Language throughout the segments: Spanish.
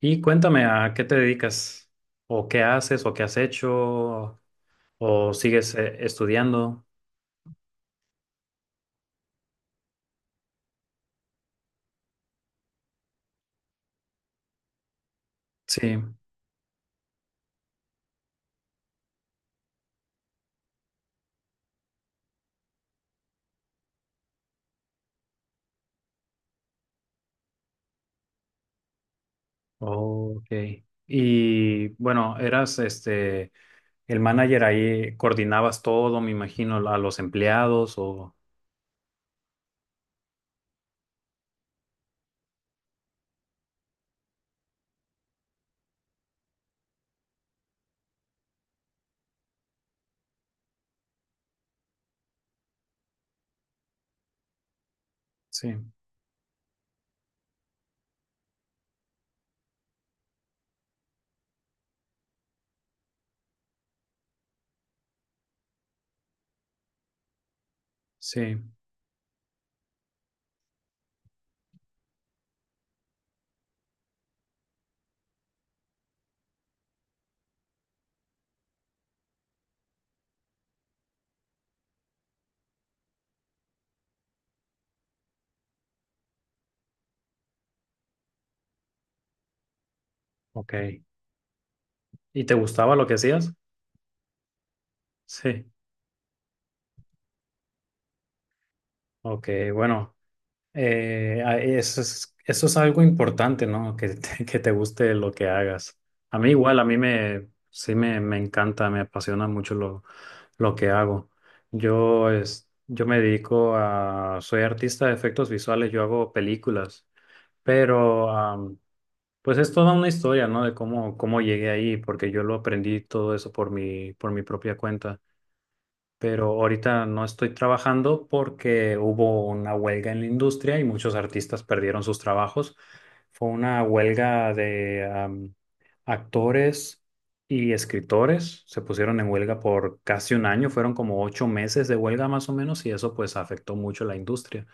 Y cuéntame, ¿a qué te dedicas? ¿O qué haces? ¿O qué has hecho? ¿O sigues estudiando? Sí. Ok. Y bueno, eras este el manager ahí, coordinabas todo, me imagino, a los empleados o sí, sí, ok. ¿Y te gustaba lo que hacías? Sí. Ok, bueno. Eso es, eso es algo importante, ¿no? Que te, que te guste lo que hagas. A mí igual, a mí me, sí me encanta, me apasiona mucho lo que hago. Yo, es, yo me dedico a, soy artista de efectos visuales, yo hago películas, pero pues es toda una historia, ¿no? De cómo, cómo llegué ahí, porque yo lo aprendí todo eso por mi propia cuenta, pero ahorita no estoy trabajando porque hubo una huelga en la industria y muchos artistas perdieron sus trabajos. Fue una huelga de actores y escritores. Se pusieron en huelga por casi un año, fueron como ocho meses de huelga más o menos y eso pues afectó mucho la industria.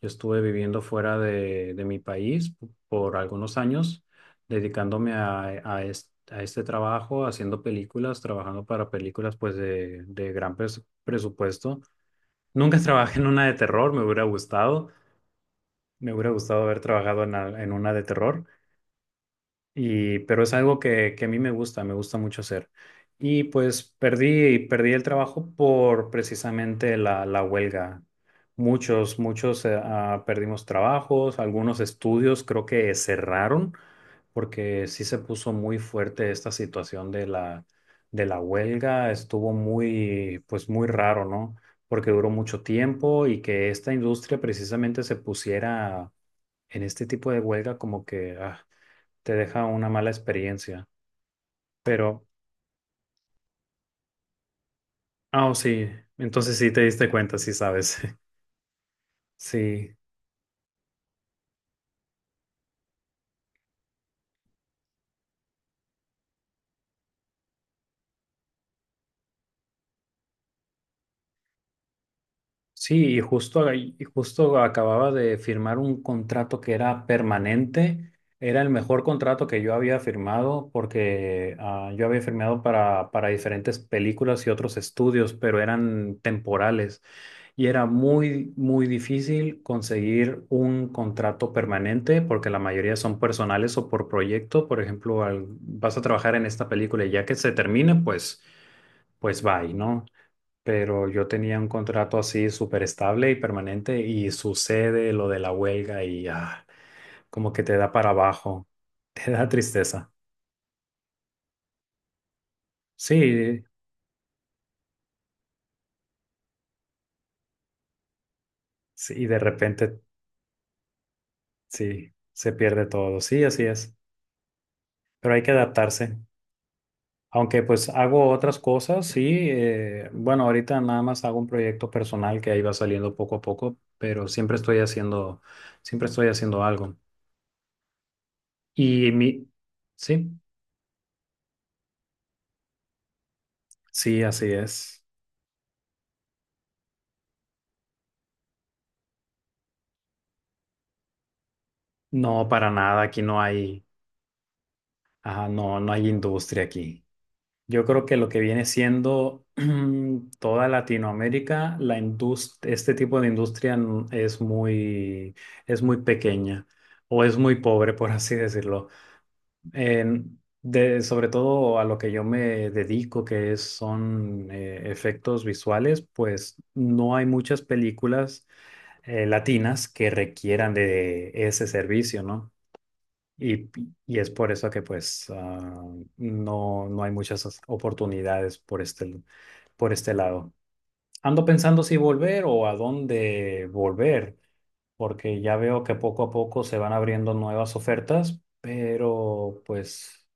Yo estuve viviendo fuera de mi país por algunos años, dedicándome a, a este trabajo, haciendo películas, trabajando para películas pues de gran presupuesto. Nunca trabajé en una de terror, me hubiera gustado haber trabajado en, en una de terror, y, pero es algo que a mí me gusta mucho hacer. Y pues perdí, perdí el trabajo por precisamente la, la huelga. Muchos, muchos perdimos trabajos, algunos estudios creo que cerraron porque sí se puso muy fuerte esta situación de la huelga. Estuvo muy, pues muy raro, ¿no? Porque duró mucho tiempo y que esta industria precisamente se pusiera en este tipo de huelga como que... te deja una mala experiencia. Pero, oh, sí, entonces sí te diste cuenta, sí sabes. Sí, sí, y justo, y justo acababa de firmar un contrato que era permanente. Era el mejor contrato que yo había firmado porque yo había firmado para diferentes películas y otros estudios, pero eran temporales. Y era muy, muy difícil conseguir un contrato permanente porque la mayoría son personales o por proyecto. Por ejemplo, vas a trabajar en esta película y ya que se termine, pues, pues bye, ¿no? Pero yo tenía un contrato así súper estable y permanente y sucede lo de la huelga y como que te da para abajo, te da tristeza. Sí, sí, y de repente sí, se pierde todo, sí, así es, pero hay que adaptarse. Aunque pues hago otras cosas, sí, bueno, ahorita nada más hago un proyecto personal que ahí va saliendo poco a poco, pero siempre estoy haciendo algo. Y mi, sí, sí, así es. No, para nada, aquí no hay, ajá, no, no hay industria aquí. Yo creo que lo que viene siendo toda Latinoamérica, este tipo de industria es muy pequeña o es muy pobre, por así decirlo. Sobre todo a lo que yo me dedico, que es, son efectos visuales, pues no hay muchas películas latinas que requieran de ese servicio, ¿no? Y, y es por eso que pues no, no hay muchas oportunidades por este lado. Ando pensando si volver o a dónde volver, porque ya veo que poco a poco se van abriendo nuevas ofertas, pero pues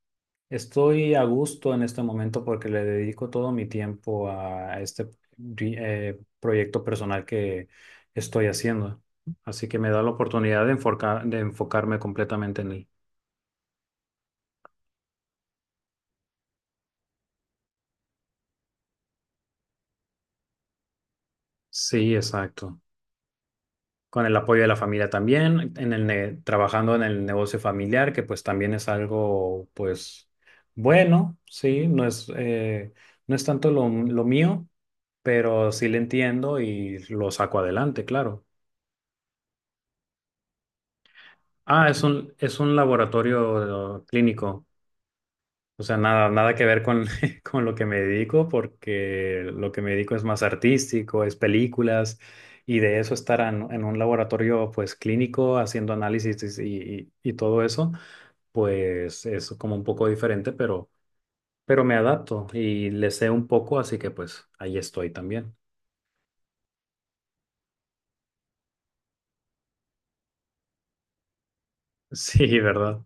estoy a gusto en este momento porque le dedico todo mi tiempo a este proyecto personal que estoy haciendo. Así que me da la oportunidad de de enfocarme completamente en él. Sí, exacto. Con el apoyo de la familia también, trabajando en el negocio familiar, que pues también es algo, pues, bueno, sí, no es, no es tanto lo mío, pero sí le entiendo y lo saco adelante, claro. Ah, es un laboratorio clínico. O sea, nada, nada que ver con, con lo que me dedico, porque lo que me dedico es más artístico, es películas, y de eso estar en un laboratorio pues clínico haciendo análisis y, y todo eso, pues es como un poco diferente, pero me adapto y le sé un poco, así que pues ahí estoy también. Sí, ¿verdad?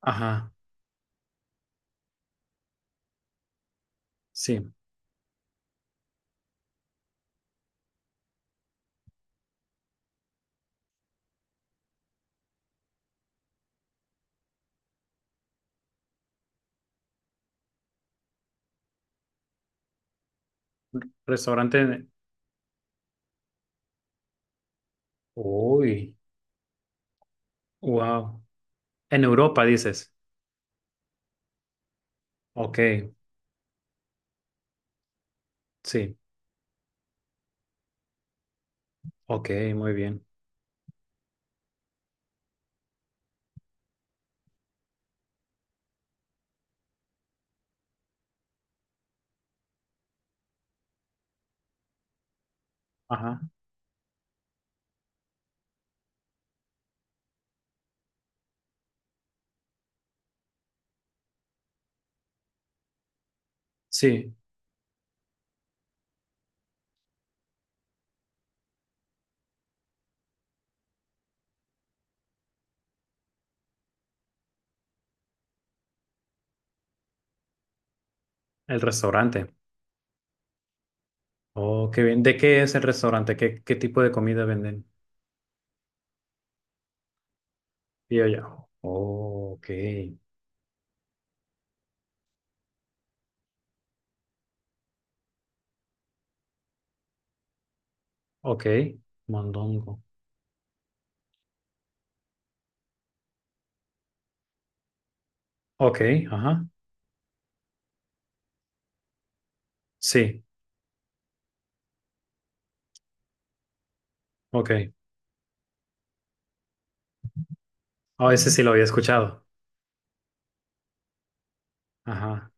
Ajá, sí. Restaurante. Uy, wow. En Europa, dices. Ok, sí. Ok, muy bien. Ajá, sí. El restaurante. Oh, qué bien. ¿De qué es el restaurante? ¿Qué, qué tipo de comida venden? Y yo ya. Oh, ok. Ok. Mondongo. Ok, ajá. Sí, ok. Oh, ese sí lo había escuchado. Ajá.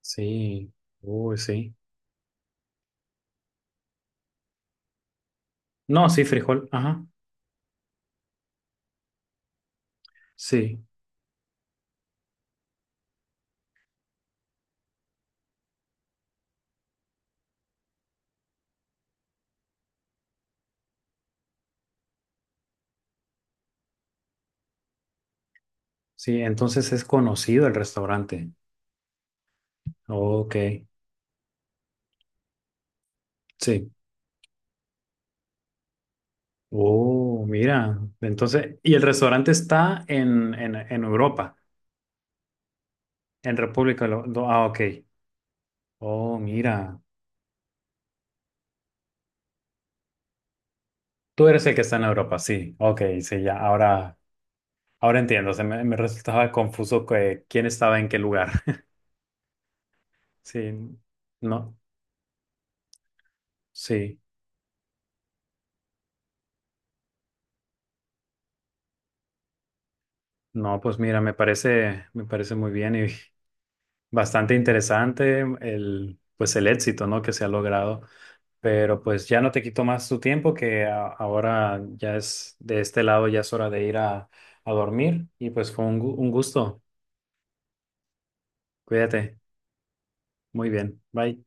Sí. Uy, sí. No, sí, frijol. Ajá. Sí. Sí, entonces es conocido el restaurante. Ok. Sí. Oh, mira. Entonces, y el restaurante está en Europa, en República. Ah, ok. Oh, mira. Tú eres el que está en Europa, sí. Ok, sí, ya. Ahora, ahora entiendo. Se me, me resultaba confuso que, quién estaba en qué lugar. Sí, no, sí. No, pues mira, me parece muy bien y bastante interesante el, pues el éxito, ¿no?, que se ha logrado. Pero pues ya no te quito más tu tiempo, que ahora ya es de este lado, ya es hora de ir a dormir. Y pues fue un, un gusto. Cuídate. Muy bien. Bye.